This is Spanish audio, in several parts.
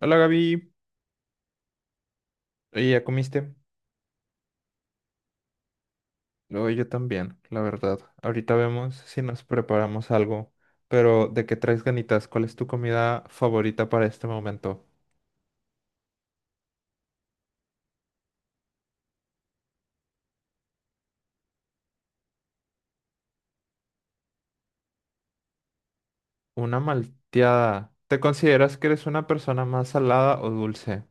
Hola Gaby, oye, ¿ya comiste? Oye, yo también, la verdad. Ahorita vemos si nos preparamos algo, pero ¿de qué traes ganitas? ¿Cuál es tu comida favorita para este momento? Una malteada. ¿Te consideras que eres una persona más salada o dulce?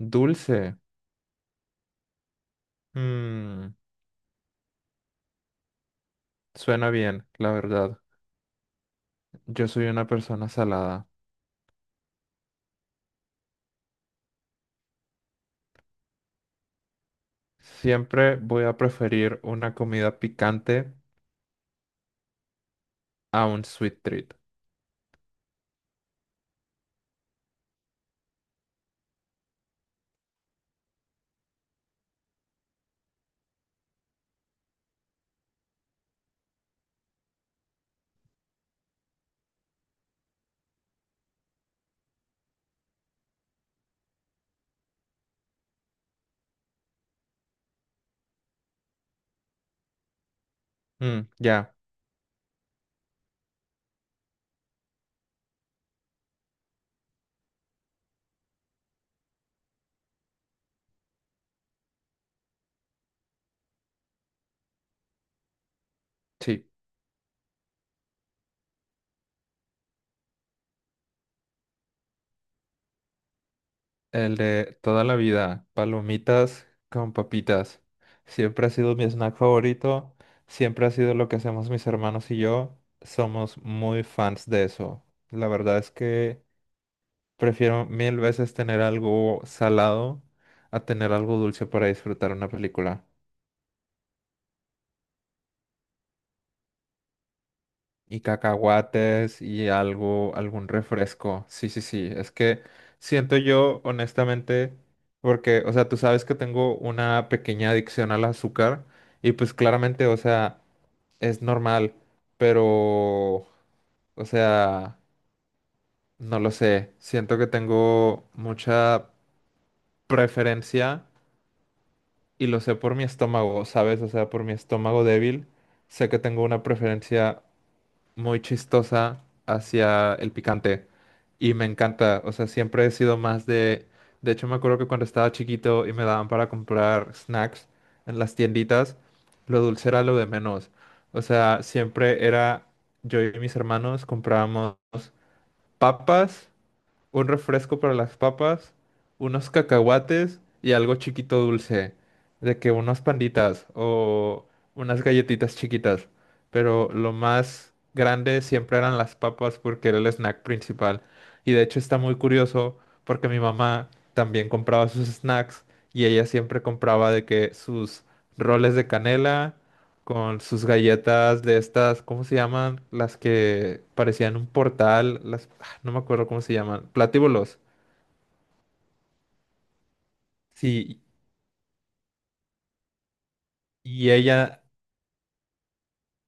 Dulce. Mm, suena bien, la verdad. Yo soy una persona salada. Siempre voy a preferir una comida picante a un sweet treat. Mm, ya, sí. El de toda la vida, palomitas con papitas. Siempre ha sido mi snack favorito, siempre ha sido lo que hacemos mis hermanos y yo. Somos muy fans de eso. La verdad es que prefiero mil veces tener algo salado a tener algo dulce para disfrutar una película. Y cacahuates y algo, algún refresco. Sí, sí, sí. Es que siento yo, honestamente, porque, o sea, tú sabes que tengo una pequeña adicción al azúcar y pues claramente, o sea, es normal, pero, o sea, no lo sé. Siento que tengo mucha preferencia y lo sé por mi estómago, ¿sabes? O sea, por mi estómago débil, sé que tengo una preferencia muy chistosa hacia el picante y me encanta, o sea, siempre he sido más de hecho me acuerdo que cuando estaba chiquito y me daban para comprar snacks en las tienditas, lo dulce era lo de menos, o sea, siempre era yo y mis hermanos comprábamos papas, un refresco para las papas, unos cacahuates y algo chiquito dulce, de que unas panditas o unas galletitas chiquitas. Pero lo más grande siempre eran las papas porque era el snack principal. Y de hecho está muy curioso porque mi mamá también compraba sus snacks y ella siempre compraba de que sus roles de canela con sus galletas de estas, ¿cómo se llaman? Las que parecían un portal, las, no me acuerdo cómo se llaman, platíbulos. Sí, y ella,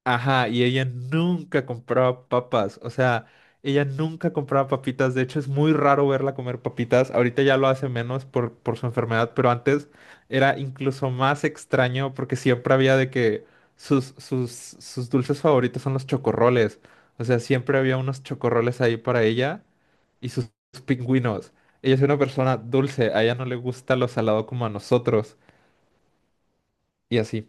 ajá, y ella nunca compraba papas, o sea, ella nunca compraba papitas, de hecho es muy raro verla comer papitas, ahorita ya lo hace menos por su enfermedad, pero antes era incluso más extraño porque siempre había de que sus dulces favoritos son los chocorroles, o sea, siempre había unos chocorroles ahí para ella y sus pingüinos. Ella es una persona dulce, a ella no le gusta lo salado como a nosotros. Y así.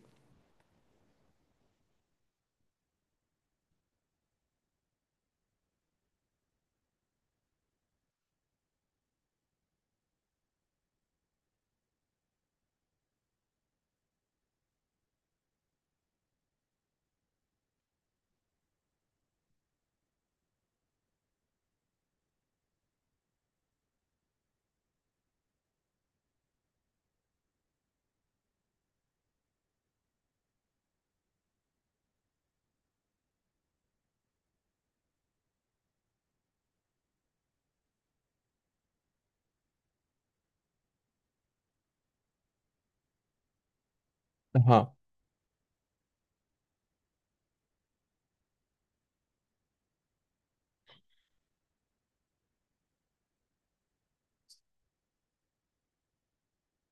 Ajá.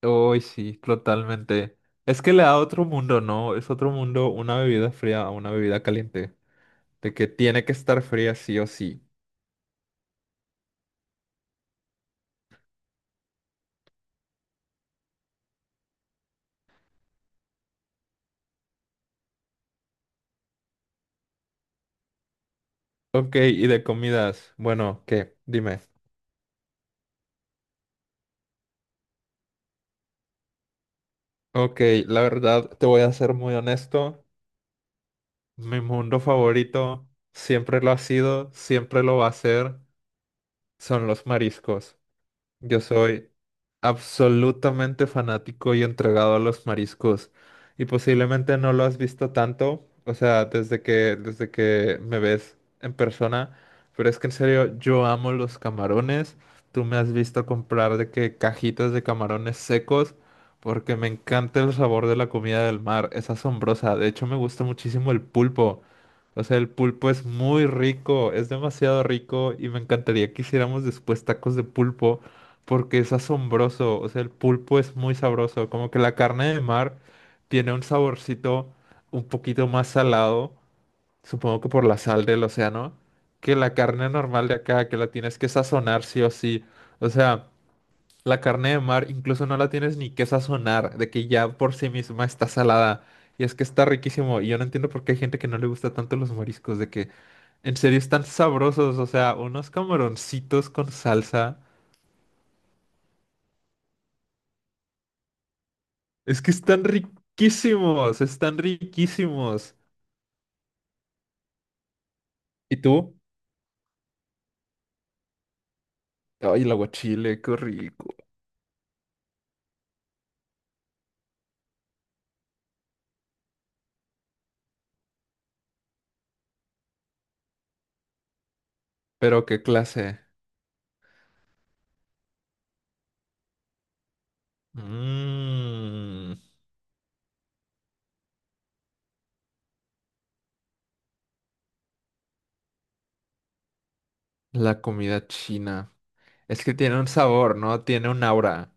Uy, sí, totalmente. Es que le da otro mundo, ¿no? Es otro mundo una bebida fría a una bebida caliente. De que tiene que estar fría sí o sí. Ok, y de comidas. Bueno, ¿qué? Dime. Ok, la verdad, te voy a ser muy honesto. Mi mundo favorito, siempre lo ha sido, siempre lo va a ser, son los mariscos. Yo soy absolutamente fanático y entregado a los mariscos. Y posiblemente no lo has visto tanto, o sea, desde que me ves en persona. Pero es que en serio, yo amo los camarones. Tú me has visto comprar de que cajitas de camarones secos, porque me encanta el sabor de la comida del mar. Es asombrosa. De hecho, me gusta muchísimo el pulpo. O sea, el pulpo es muy rico, es demasiado rico y me encantaría que hiciéramos después tacos de pulpo porque es asombroso, o sea, el pulpo es muy sabroso, como que la carne de mar tiene un saborcito un poquito más salado, supongo que por la sal del océano, que la carne normal de acá, que la tienes que sazonar sí o sí, o sea, la carne de mar incluso no la tienes ni que sazonar, de que ya por sí misma está salada. Y es que está riquísimo. Y yo no entiendo por qué hay gente que no le gusta tanto los mariscos, de que en serio están sabrosos. O sea, unos camaroncitos con salsa. Es que están riquísimos, están riquísimos. ¿Y tú? Ay, el aguachile, qué rico. Pero qué clase. Mmm, la comida china. Es que tiene un sabor, ¿no? Tiene un aura.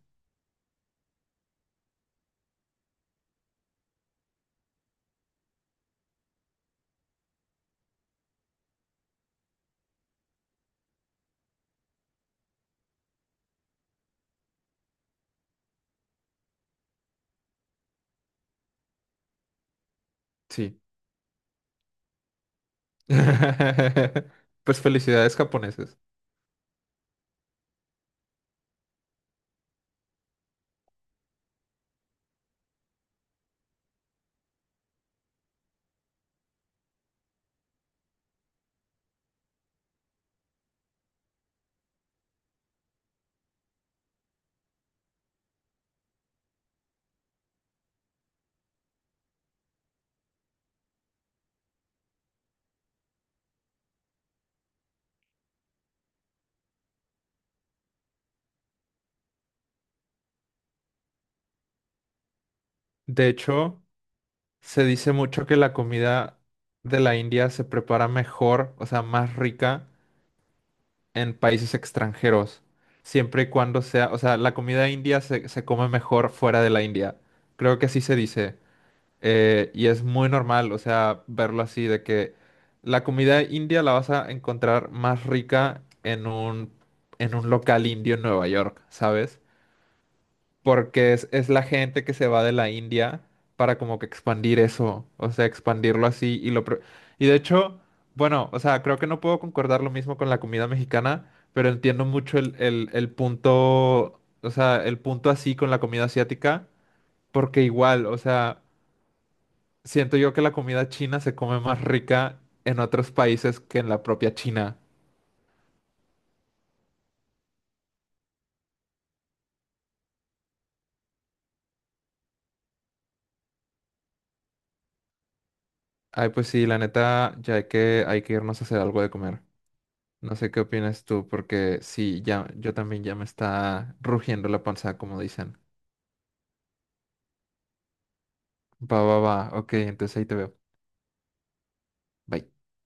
Sí. Pues felicidades japoneses. De hecho, se dice mucho que la comida de la India se prepara mejor, o sea, más rica en países extranjeros, siempre y cuando sea, o sea, la comida india se come mejor fuera de la India. Creo que así se dice. Y es muy normal, o sea, verlo así, de que la comida india la vas a encontrar más rica en un, local indio en Nueva York, ¿sabes? Porque es la gente que se va de la India para como que expandir eso, o sea, expandirlo así y y de hecho, bueno, o sea, creo que no puedo concordar lo mismo con la comida mexicana, pero entiendo mucho el punto, o sea, el punto así con la comida asiática, porque igual, o sea, siento yo que la comida china se come más rica en otros países que en la propia China. Ay, pues sí, la neta, ya hay que irnos a hacer algo de comer. No sé qué opinas tú, porque sí, ya, yo también ya me está rugiendo la panza, como dicen. Va, va, va, ok, entonces ahí te veo. Bye.